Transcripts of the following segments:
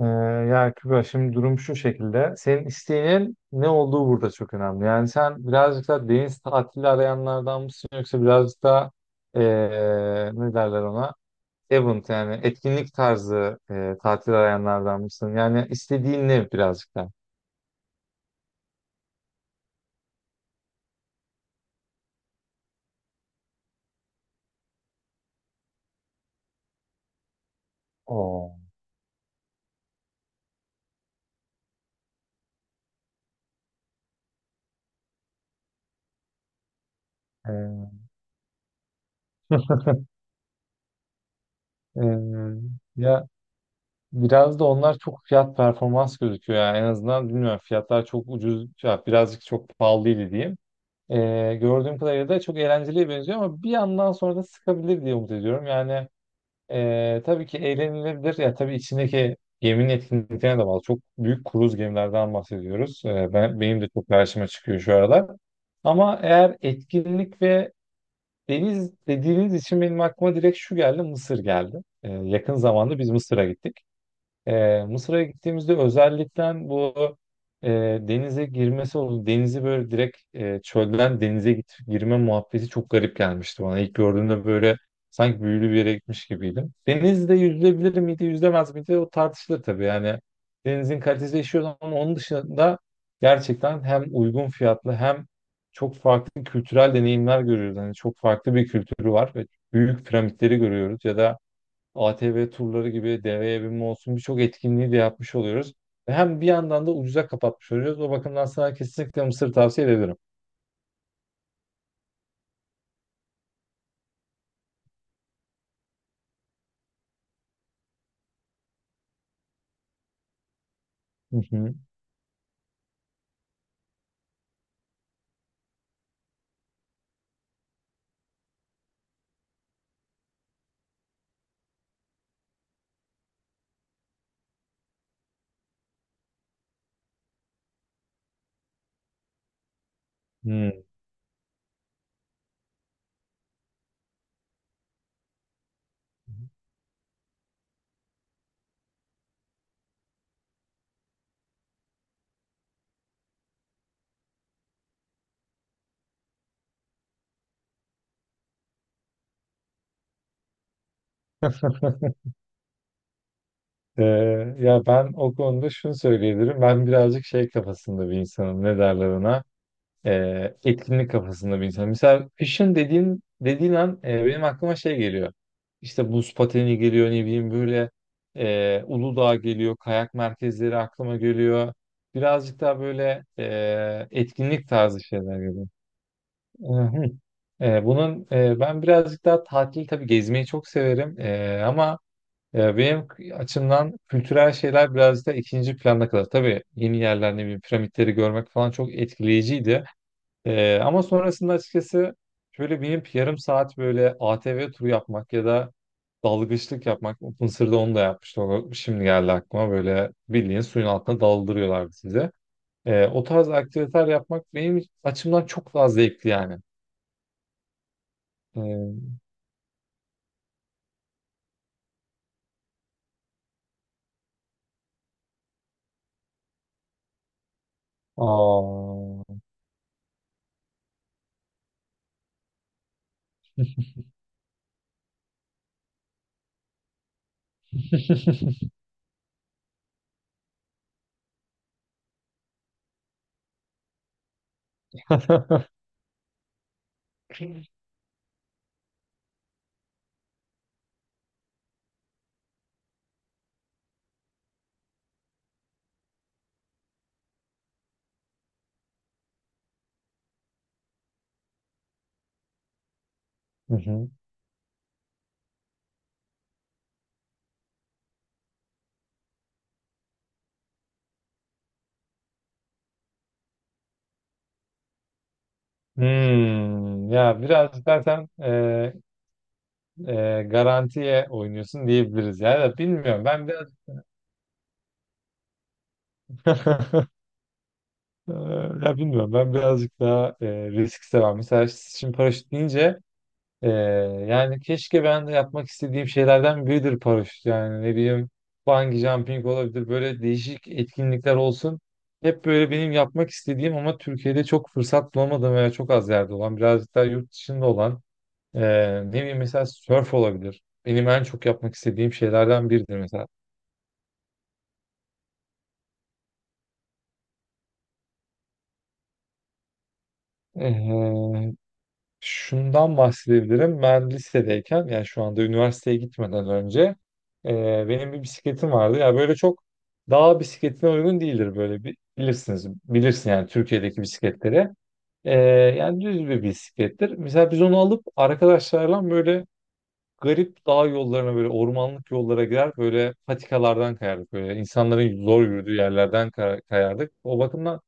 Ee, ya Kübra, şimdi durum şu şekilde. Senin isteğinin ne olduğu burada çok önemli. Yani sen birazcık da deniz tatili arayanlardan mısın yoksa birazcık da ee, ne derler ona? Event, yani etkinlik tarzı tatil arayanlardan mısın? Yani istediğin ne birazcık da? Oo. Ee, ee, ya biraz da onlar çok fiyat performans gözüküyor, yani en azından bilmiyorum fiyatlar çok ucuz ya, birazcık çok pahalıydı diyeyim. Gördüğüm kadarıyla da çok eğlenceliye benziyor ama bir yandan sonra da sıkabilir diye umut ediyorum. Yani, tabii ki eğlenilebilir. Ya tabii içindeki geminin etkinliklerine de bağlı. Çok büyük kruz gemilerden bahsediyoruz. Benim de çok karşıma çıkıyor şu aralar. Ama eğer etkinlik ve deniz dediğiniz için benim aklıma direkt şu geldi, Mısır geldi. Yakın zamanda biz Mısır'a gittik. Mısır'a gittiğimizde özellikle bu e, denize girmesi oldu. Denizi böyle direkt çölden denize git, girme muhabbeti çok garip gelmişti bana. İlk gördüğümde böyle sanki büyülü bir yere gitmiş gibiydim. Denizde yüzülebilir miydi, yüzülemez miydi, o tartışılır tabii. Yani denizin kalitesi değişiyor ama onun dışında gerçekten hem uygun fiyatlı hem çok farklı kültürel deneyimler görüyoruz. Yani çok farklı bir kültürü var ve büyük piramitleri görüyoruz ya da ATV turları gibi deveye binme olsun birçok etkinliği de yapmış oluyoruz. Ve hem bir yandan da ucuza kapatmış oluyoruz. O bakımdan sana kesinlikle Mısır tavsiye ederim. Hı hı. Hmm. Ee, Ya ben o konuda şunu söyleyebilirim. Ben birazcık şey kafasında bir insanım. Ne derler ona? Etkinlik kafasında bir insan. Mesela kışın dediğin an, benim aklıma şey geliyor. İşte buz pateni geliyor, ne bileyim böyle, Uludağ geliyor, kayak merkezleri aklıma geliyor. Birazcık daha böyle etkinlik tarzı şeyler geliyor. Hı. Ben birazcık daha tatil, tabii gezmeyi çok severim, ama benim açımdan kültürel şeyler birazcık da ikinci planda kalır. Tabii yeni yerler, ne bileyim piramitleri görmek falan çok etkileyiciydi. Ama sonrasında açıkçası şöyle binip yarım saat böyle ATV turu yapmak ya da dalgıçlık yapmak. Mısır'da onu da yapmıştım. O şimdi geldi aklıma, böyle bildiğin suyun altına daldırıyorlardı size. O tarz aktiviteler yapmak benim açımdan çok daha zevkli yani. Ee, Aa. Hı hı. Ya biraz zaten garantiye oynuyorsun diyebiliriz. Ya da bilmiyorum, ben biraz… Ee, Ya bilmiyorum, ben birazcık daha risk seven. Mesela şimdi paraşüt deyince e, yani keşke, ben de yapmak istediğim şeylerden biridir paraşüt. Yani ne bileyim, bungee jumping olabilir, böyle değişik etkinlikler olsun. Hep böyle benim yapmak istediğim ama Türkiye'de çok fırsat bulamadığım veya çok az yerde olan, birazcık daha yurt dışında olan e, ne bileyim mesela surf olabilir. Benim en çok yapmak istediğim şeylerden biridir mesela. Ee, Şundan bahsedebilirim. Ben lisedeyken, yani şu anda üniversiteye gitmeden önce, benim bir bisikletim vardı. Ya böyle çok dağ bisikletine uygun değildir, böyle bilirsiniz. Bilirsin yani Türkiye'deki bisikletleri. E, Yani düz bir bisiklettir. Mesela biz onu alıp arkadaşlarla böyle garip dağ yollarına, böyle ormanlık yollara girer, böyle patikalardan kayardık, böyle insanların zor yürüdüğü yerlerden kayardık. O bakımdan…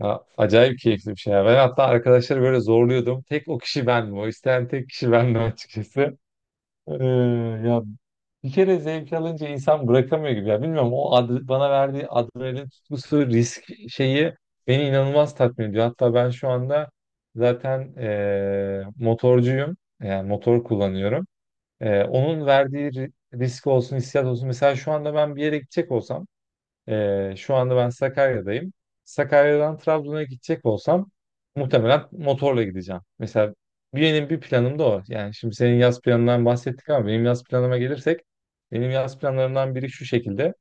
Ya, acayip keyifli bir şey ya. Ben hatta arkadaşları böyle zorluyordum. Tek o kişi bendim. O isteyen tek kişi bendim açıkçası. Ee, Ya bir kere zevk alınca insan bırakamıyor gibi. Ya bilmiyorum, o bana verdiği adrenalin tutkusu, risk şeyi beni inanılmaz tatmin ediyor. Hatta ben şu anda zaten motorcuyum. Yani motor kullanıyorum. Onun verdiği risk olsun, hissiyat olsun. Mesela şu anda ben bir yere gidecek olsam, şu anda ben Sakarya'dayım. Sakarya'dan Trabzon'a gidecek olsam muhtemelen motorla gideceğim. Mesela benim bir planım da o. Yani şimdi senin yaz planından bahsettik ama benim yaz planıma gelirsek benim yaz planlarımdan biri şu şekilde.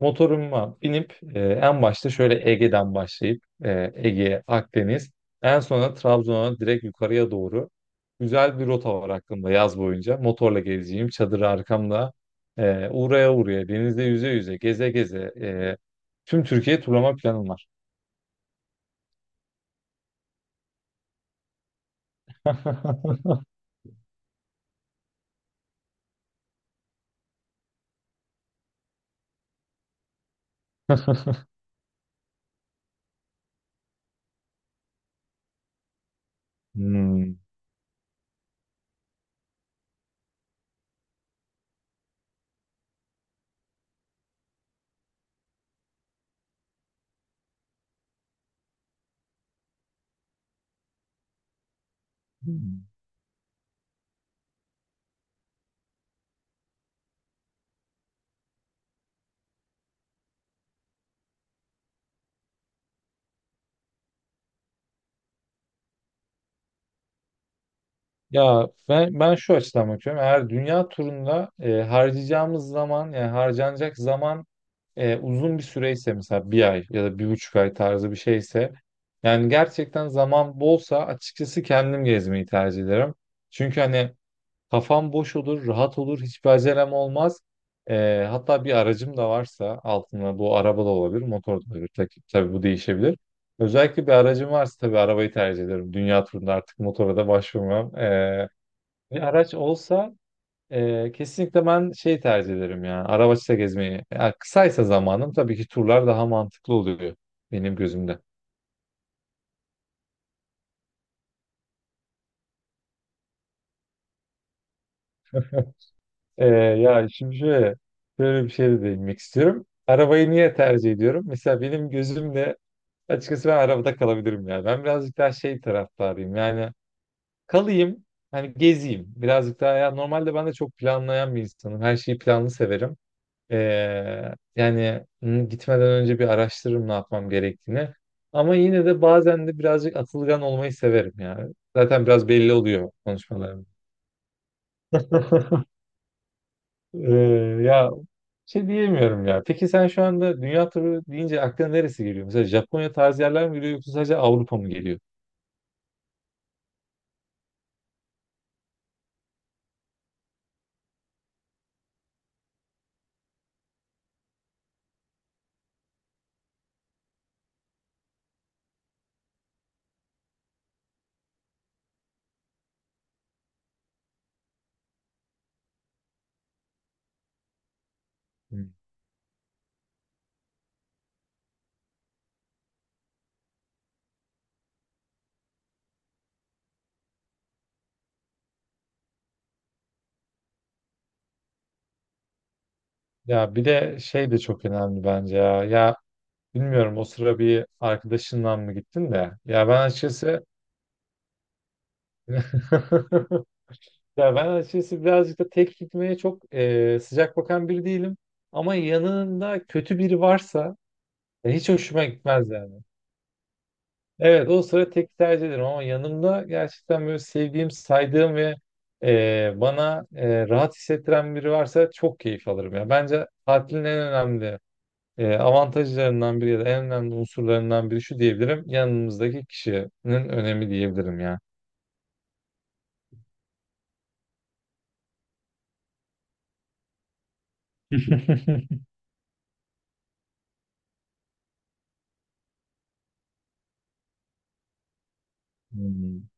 Motoruma binip, en başta şöyle Ege'den başlayıp, Ege, Akdeniz, en sonra Trabzon'a direkt yukarıya doğru, güzel bir rota var aklımda yaz boyunca. Motorla gezeceğim, çadırı arkamda, uğraya uğraya, denizde yüze yüze, geze geze, tüm Türkiye turlama planım var. Hmm. Ya ben, ben şu açıdan bakıyorum. Eğer dünya turunda e, harcayacağımız zaman yani harcanacak zaman, uzun bir süreyse, mesela bir ay ya da bir buçuk ay tarzı bir şeyse, yani gerçekten zaman bolsa, açıkçası kendim gezmeyi tercih ederim. Çünkü hani kafam boş olur, rahat olur, hiçbir acelem olmaz. Hatta bir aracım da varsa altında, bu araba da olabilir, motor da olabilir. Tabii bu değişebilir. Özellikle bir aracım varsa tabii arabayı tercih ederim. Dünya turunda artık motora da başvurmam. Bir araç olsa, kesinlikle ben şey tercih ederim ya. Araçla gezmeyi. Ya kısaysa zamanım, tabii ki turlar daha mantıklı oluyor benim gözümde. Ya şimdi, şöyle bir şey de değinmek istiyorum. Arabayı niye tercih ediyorum? Mesela benim gözümde açıkçası ben arabada kalabilirim ya. Ben birazcık daha şey taraftarıyım. Yani kalayım, hani gezeyim. Birazcık daha, ya normalde ben de çok planlayan bir insanım. Her şeyi planlı severim. Yani hı, gitmeden önce bir araştırırım ne yapmam gerektiğini. Ama yine de bazen de birazcık atılgan olmayı severim yani. Zaten biraz belli oluyor konuşmalarım. Ee, Ya şey diyemiyorum ya. Peki sen şu anda dünya turu deyince aklına neresi geliyor? Mesela Japonya tarzı yerler mi geliyor yoksa sadece Avrupa mı geliyor? Hmm. Ya bir de şey de çok önemli bence ya. Ya bilmiyorum, o sıra bir arkadaşınla mı gittin de… Ya ben açıkçası… Ya ben açıkçası birazcık da tek gitmeye çok sıcak bakan biri değilim. Ama yanında kötü biri varsa, hiç hoşuma gitmez yani. Evet, o sıra tek tercih ederim ama yanımda gerçekten böyle sevdiğim, saydığım ve, bana, rahat hissettiren biri varsa çok keyif alırım ya. Bence tatilin en önemli avantajlarından biri ya da en önemli unsurlarından biri şu diyebilirim. Yanımızdaki kişinin önemi diyebilirim ya. Hmm.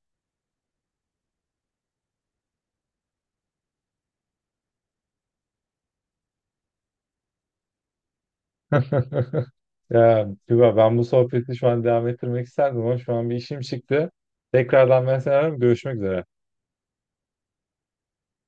Ya Tuba, ben bu sohbeti şu an devam ettirmek isterdim ama şu an bir işim çıktı. Tekrardan ben seni ararım. Görüşmek üzere.